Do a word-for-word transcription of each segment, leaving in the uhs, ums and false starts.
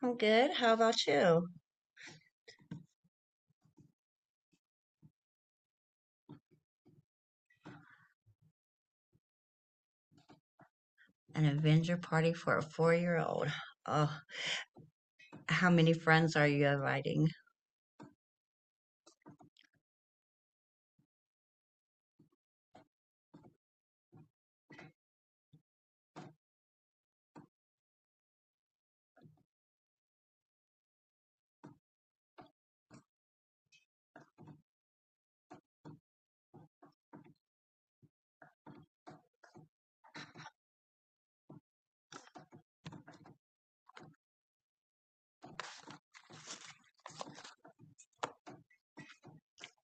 I'm good. How about you? An Avenger party for a four-year-old. Oh, how many friends are you inviting?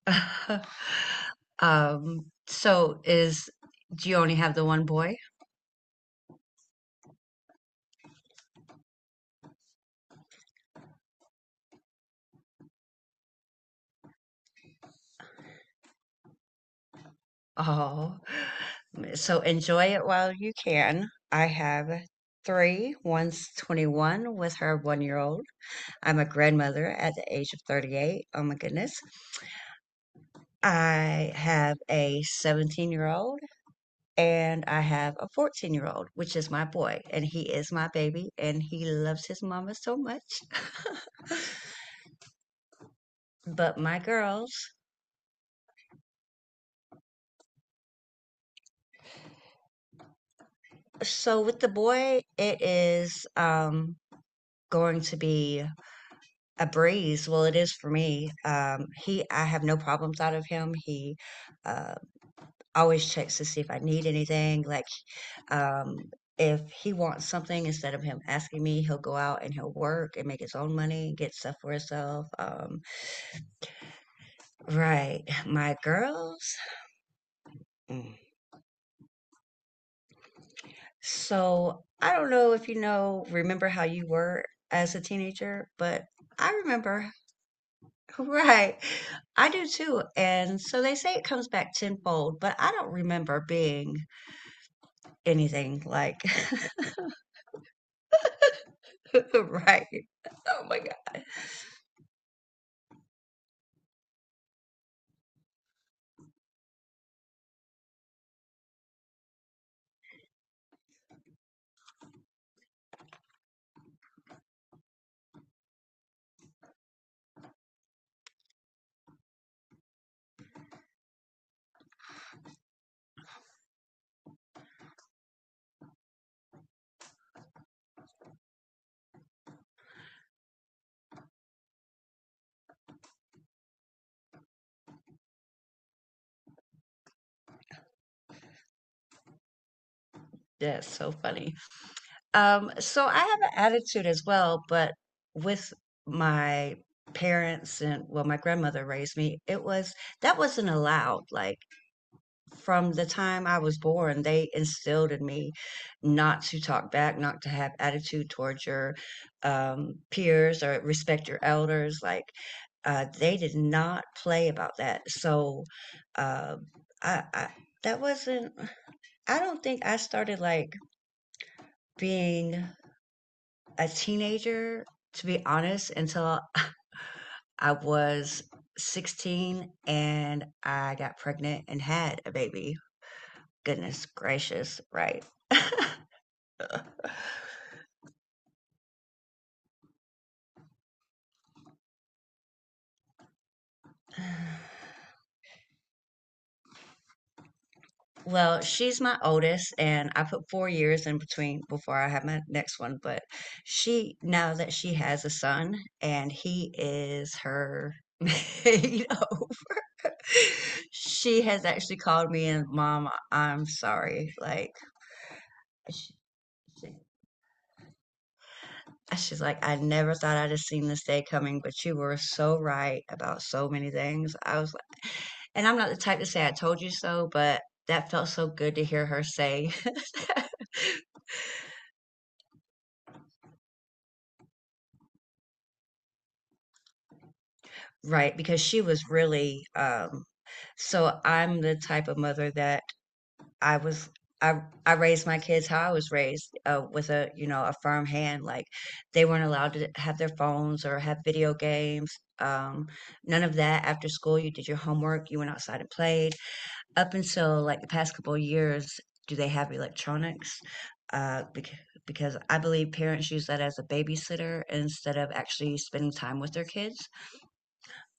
Um, so is do you only have the one boy? Oh, so enjoy it while you can. I have three. One's twenty-one with her one-year-old. I'm a grandmother at the age of thirty-eight. Oh my goodness. I have a seventeen year old and I have a fourteen year old, which is my boy, and he is my baby, and he loves his mama so much. But my girls. So with the boy, it is um going to be a breeze. Well, it is for me. Um, he, I have no problems out of him. He uh, always checks to see if I need anything. Like Um, if he wants something, instead of him asking me, he'll go out and he'll work and make his own money, get stuff for himself. Um, right. My girls. Mm. So I don't know if you know, remember how you were as a teenager, but I remember, right. I do too. And so they say it comes back tenfold, but I don't remember being anything like, right. Oh my God. That's so funny. Um, so I have an attitude as well, but with my parents and well, my grandmother raised me, it was that wasn't allowed. Like from the time I was born, they instilled in me not to talk back, not to have attitude towards your um, peers or respect your elders. Like uh, they did not play about that. So uh, I, I that wasn't. I don't think I started like being a teenager, to be honest, until I was sixteen and I got pregnant and had a baby. Goodness gracious, right. Well, she's my oldest, and I put four years in between before I had my next one. But she, now that she has a son and he is her, you know, she has actually called me and, Mom, I'm sorry. Like, she, she, she's like, I never thought I'd have seen this day coming, but you were so right about so many things. I was like, and I'm not the type to say I told you so, but that felt so good to hear her say, right? Because she was really, um, so I'm the type of mother that I was, I, I raised my kids how I was raised, uh, with a, you know, a firm hand. Like they weren't allowed to have their phones or have video games. Um, None of that after school. You did your homework, you went outside and played up until like the past couple of years, do they have electronics? Uh, because because I believe parents use that as a babysitter instead of actually spending time with their kids.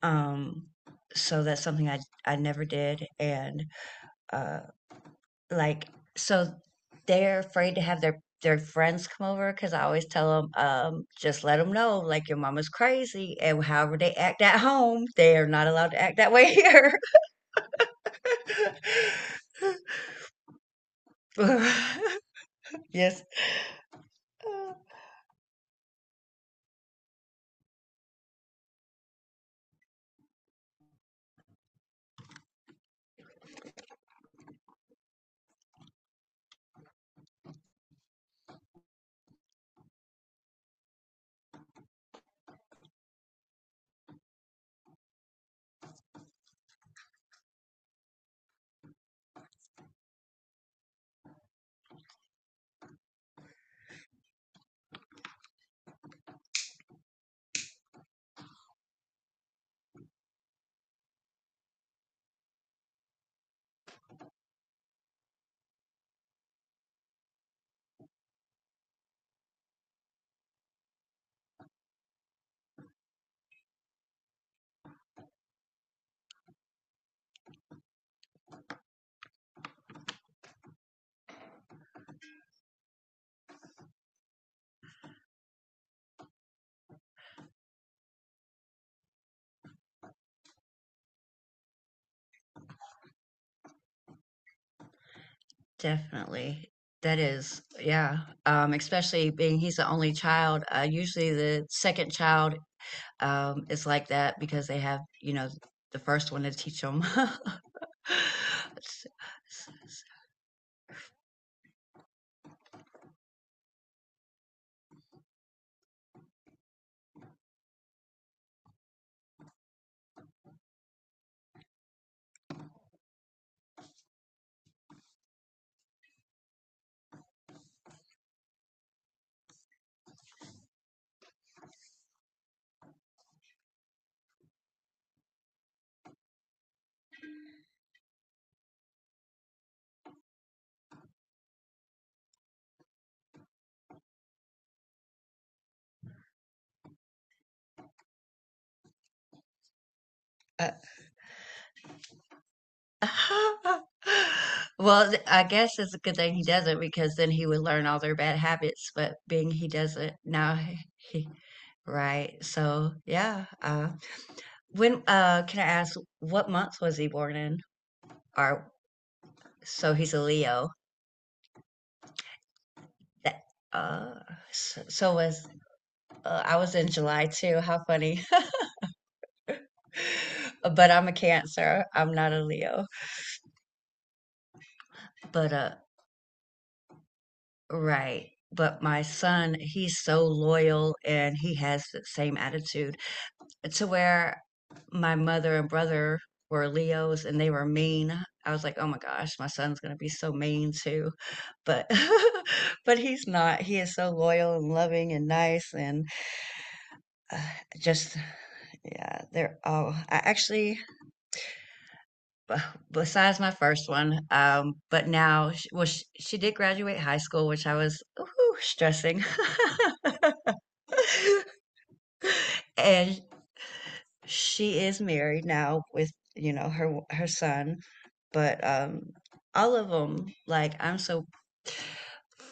Um, so that's something I I never did, and uh, like so they're afraid to have their their friends come over because I always tell them, um, just let them know like your mama's crazy, and however they act at home, they are not allowed to act that way here. Yes, definitely. That is, yeah. Um, especially being he's the only child. Uh, usually the second child um, is like that because they have, you know, the first one to teach them. Uh, well, th- I guess it's a good thing he doesn't because then he would learn all their bad habits. But being he doesn't now, he. Right. So, yeah. Uh, when uh, can I ask what month was he born in? Or so he's a Leo. That uh, so, so was uh, I was in July too. How funny. But I'm a Cancer. I'm not a Leo. But uh, right. But my son, he's so loyal and he has the same attitude, to where my mother and brother were Leos and they were mean. I was like, oh my gosh, my son's gonna be so mean too. But but he's not. He is so loyal and loving and nice and uh, just yeah, they're all I actually b- besides my first one, um, but now sh- well she, she did graduate high school, which I was ooh, stressing. And she is married now with, you know, her her son, but, um, all of them like, I'm so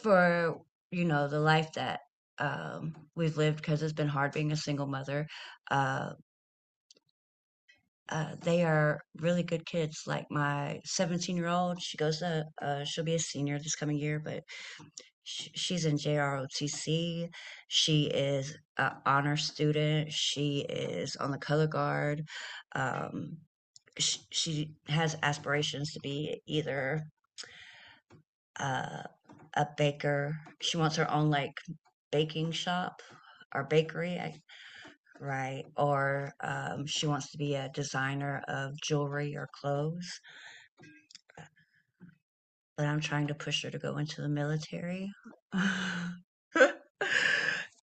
for, you know, the life that, um, we've lived because 'cause it's been hard being a single mother, uh, uh, they are really good kids, like, my seventeen-year-old, she goes to, uh she'll be a senior this coming year, but sh- she's in J R O T C. She is an honor student. She is on the color guard. Um, sh- she has aspirations to be either uh, a baker. She wants her own like baking shop or bakery, I, right? Or um, she wants to be a designer of jewelry or clothes. But I'm trying to push her to go into the military.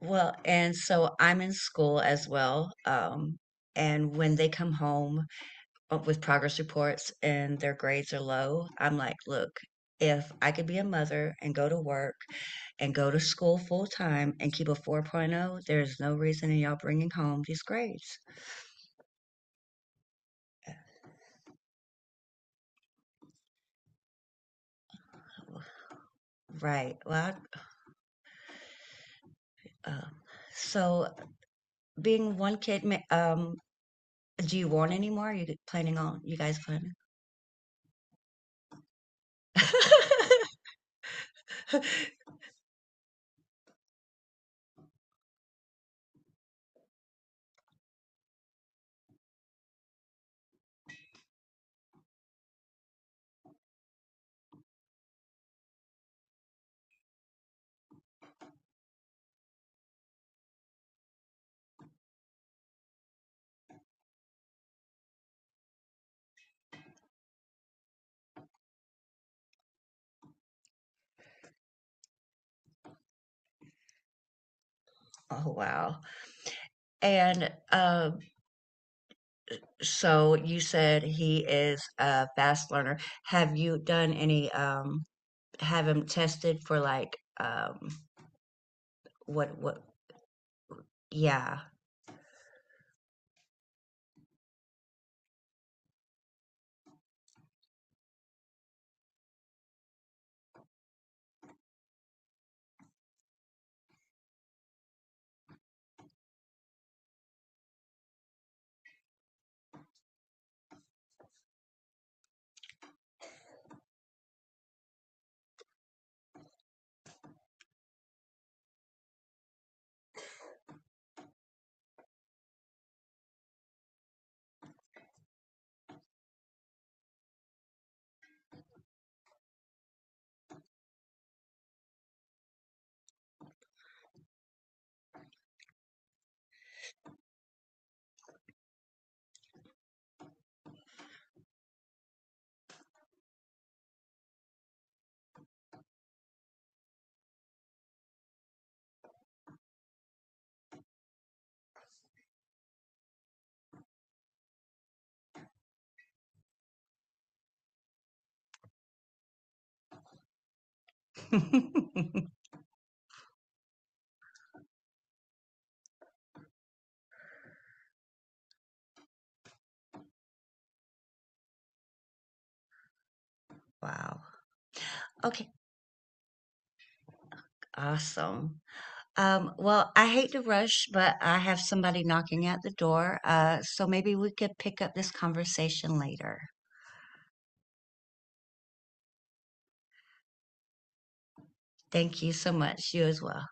Well, and so I'm in school as well. Um, and when they come home uh, with progress reports and their grades are low, I'm like, look, if I could be a mother and go to work and go to school full time and keep a 4.0, there's no reason in y'all bringing home these grades. Right. Well, I- uh, so being one kid, ma- um, do you want any more? Are you planning on, you guys planning? Oh, wow. And um so you said he is a fast learner. Have you done any um have him tested for like um what what yeah. Wow. Okay, awesome. Um well, I hate to rush, but I have somebody knocking at the door. Uh so maybe we could pick up this conversation later. Thank you so much. You as well.